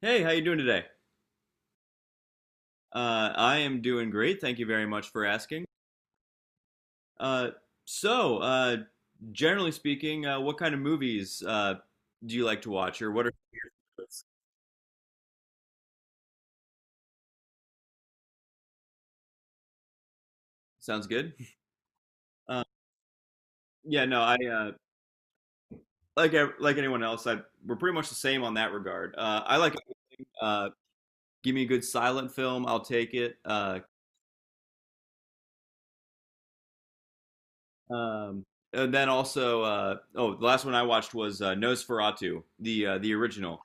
Hey, how you doing today? I am doing great. Thank you very much for asking. Uh, so, uh, generally speaking, what kind of movies do you like to watch, or what are sounds good? Uh, yeah, no, I like anyone else. I we're pretty much the same on that regard. I like everything. Give me a good silent film, I'll take it. Um, and then also, oh, the last one I watched was Nosferatu, the original.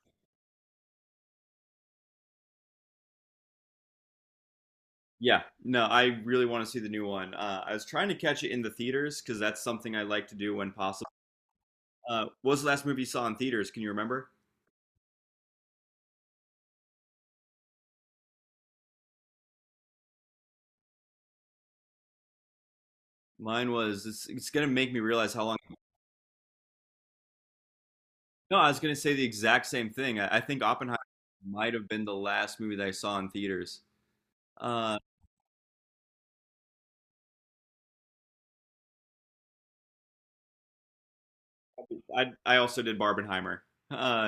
Yeah, no, I really want to see the new one. I was trying to catch it in the theaters because that's something I like to do when possible. What was the last movie you saw in theaters? Can you remember? Mine was. It's going to make me realize how long. No, I was going to say the exact same thing. I think Oppenheimer might have been the last movie that I saw in theaters. Uh, I also did Barbenheimer. Uh,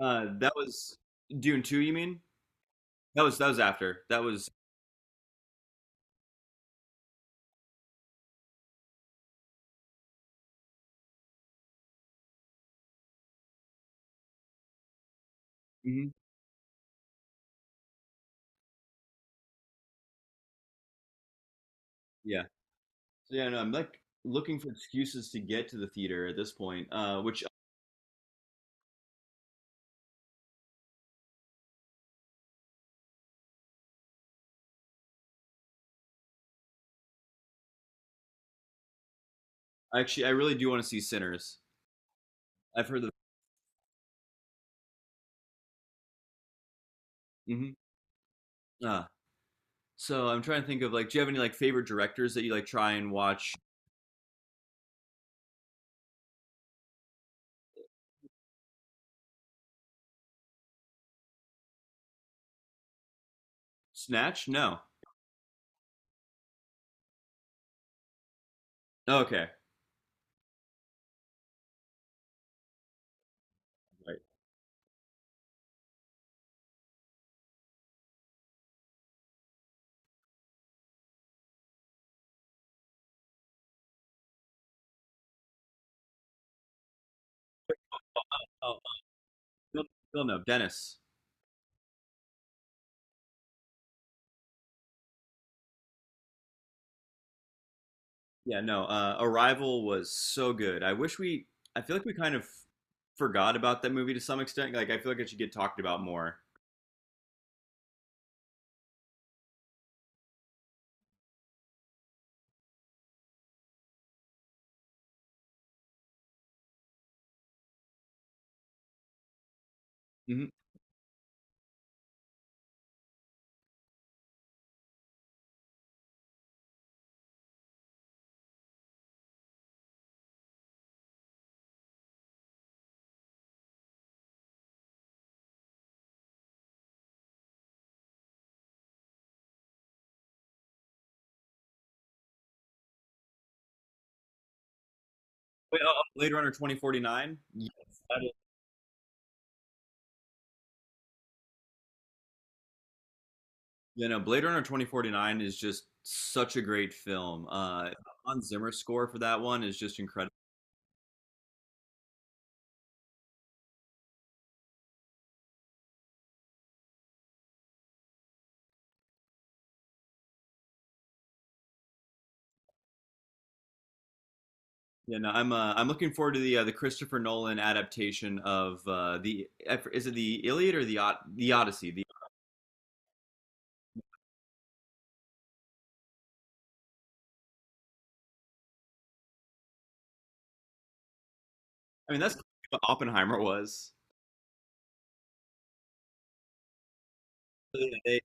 that was Dune two. You mean that was after that was. Mhm. Yeah. So yeah, no, I'm like looking for excuses to get to the theater at this point, which actually, I really do want to see Sinners. I've heard the. hmm Ah, so I'm trying to think of like, do you have any like favorite directors that you like try and watch? Snatch? No. Okay. Right. Oh, you'll, Dennis. Yeah. No. Arrival was so good. I wish we. I feel like we kind of forgot about that movie to some extent. Like, I feel like it should get talked about more. hmm Wait, oh, oh, Blade Runner 2049. Yes. that is- Yeah. No. Blade Runner 2049 is just such a great film. Hans Zimmer score for that one is just incredible. Yeah, no, I'm looking forward to the Christopher Nolan adaptation of the is it the Iliad or the Od the Odyssey? The I mean that's what Oppenheimer was. So, yeah,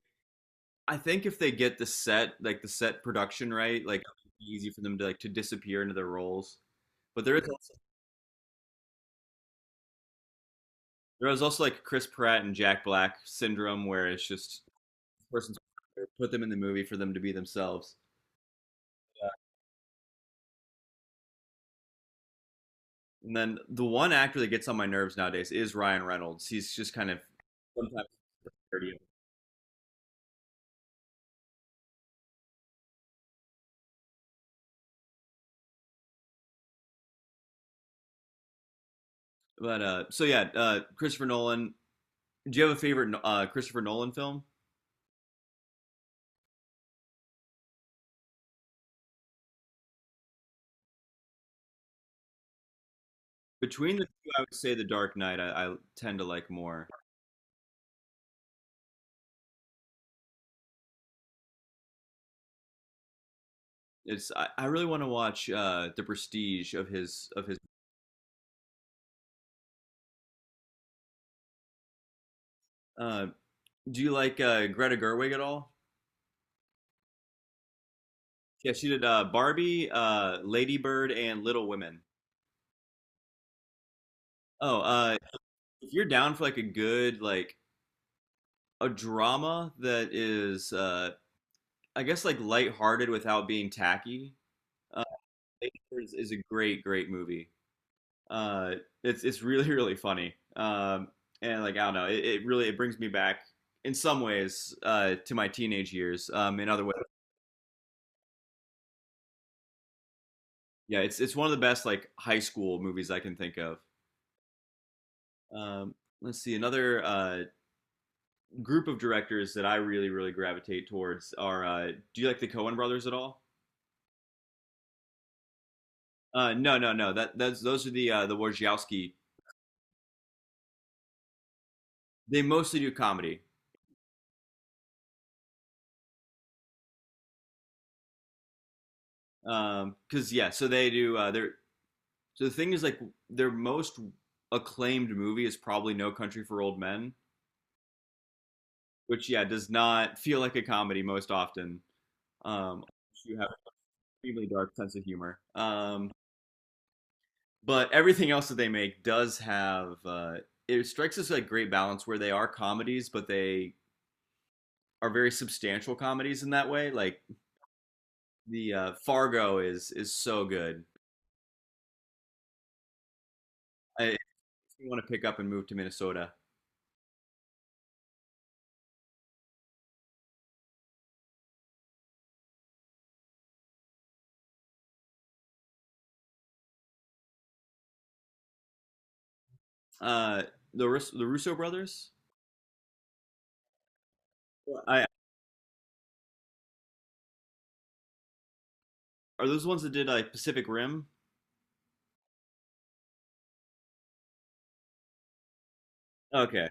I think if they get the set like the set production right, like it'll be easy for them to like to disappear into their roles. But there is also, There is also like Chris Pratt and Jack Black syndrome where it's just person's put them in the movie for them to be themselves. And then the one actor that gets on my nerves nowadays is Ryan Reynolds. He's just kind of sometimes dirty. But yeah, Christopher Nolan. Do you have a favorite no, Christopher Nolan film? Between the two, I would say The Dark Knight. I tend to like more. It's I really want to watch The Prestige of his. Uh, do you like Greta Gerwig at all? Yeah, she did Barbie, Lady Bird, and Little Women. Oh, uh, if you're down for like a good like a drama that is, I guess like lighthearted without being tacky, uh, Lady Bird is a great great movie. uh, it's really really funny. And like I don't know, it really it brings me back in some ways to my teenage years. In other ways, yeah, it's one of the best like high school movies I can think of. Um, let's see, another group of directors that I really really gravitate towards are. Do you like the Coen Brothers at all? No, no. That's those are the Wojciechowski. They mostly do comedy. Cause yeah, so they do. They're so the thing is, like, their most acclaimed movie is probably No Country for Old Men, which yeah does not feel like a comedy most often. Um, you have an extremely dark sense of humor. But everything else that they make does have it strikes us like great balance where they are comedies, but they are very substantial comedies in that way. Like the Fargo is so good. If want to pick up and move to Minnesota, uh, the Russo brothers. I, Are those the ones that did like Pacific Rim? Okay,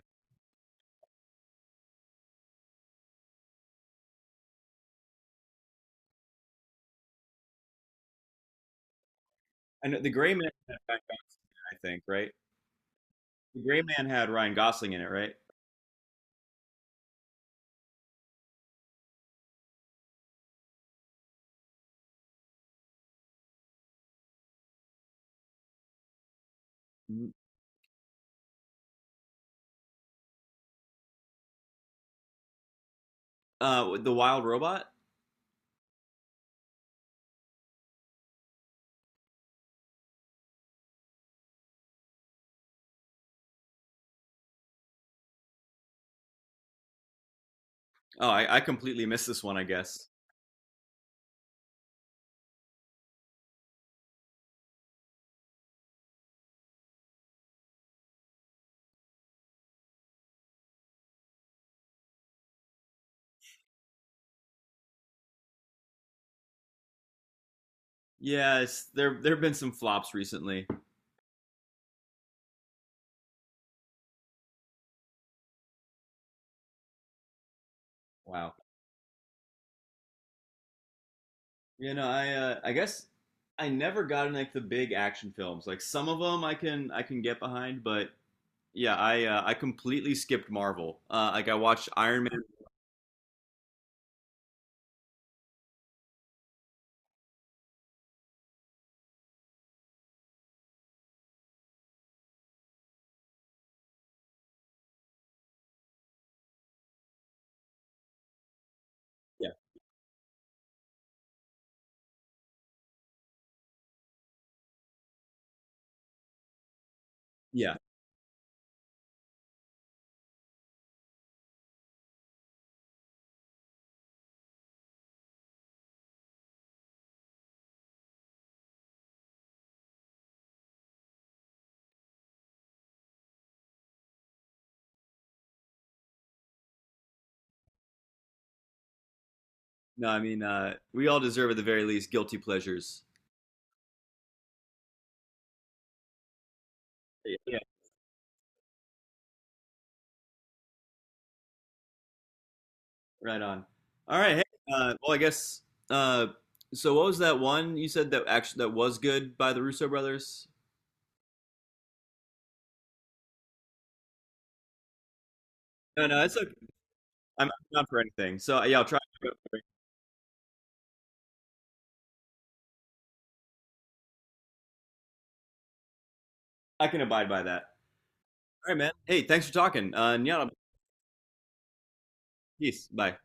I know the Gray Man. Had Ryan Gosling in it, I think right. The Gray Man had Ryan Gosling in it, right? The Wild Robot. Oh, I completely missed this one. I guess. Yeah, it's there there have been some flops recently. Wow. You know, I guess I never got in like the big action films. Like some of them I can get behind, but yeah, I completely skipped Marvel. Like I watched Iron Man. Yeah, yeah. No, I mean we all deserve at the very least guilty pleasures. Yeah, yeah, right on. All right. Hey, uh, well, I guess. Uh, so what was that one you said that actually that was good by the Russo brothers? No, no, it's okay. I'm not for anything. So yeah, I'll try. I can abide by that. All right, man. Hey, thanks for talking. And yeah, peace. Bye.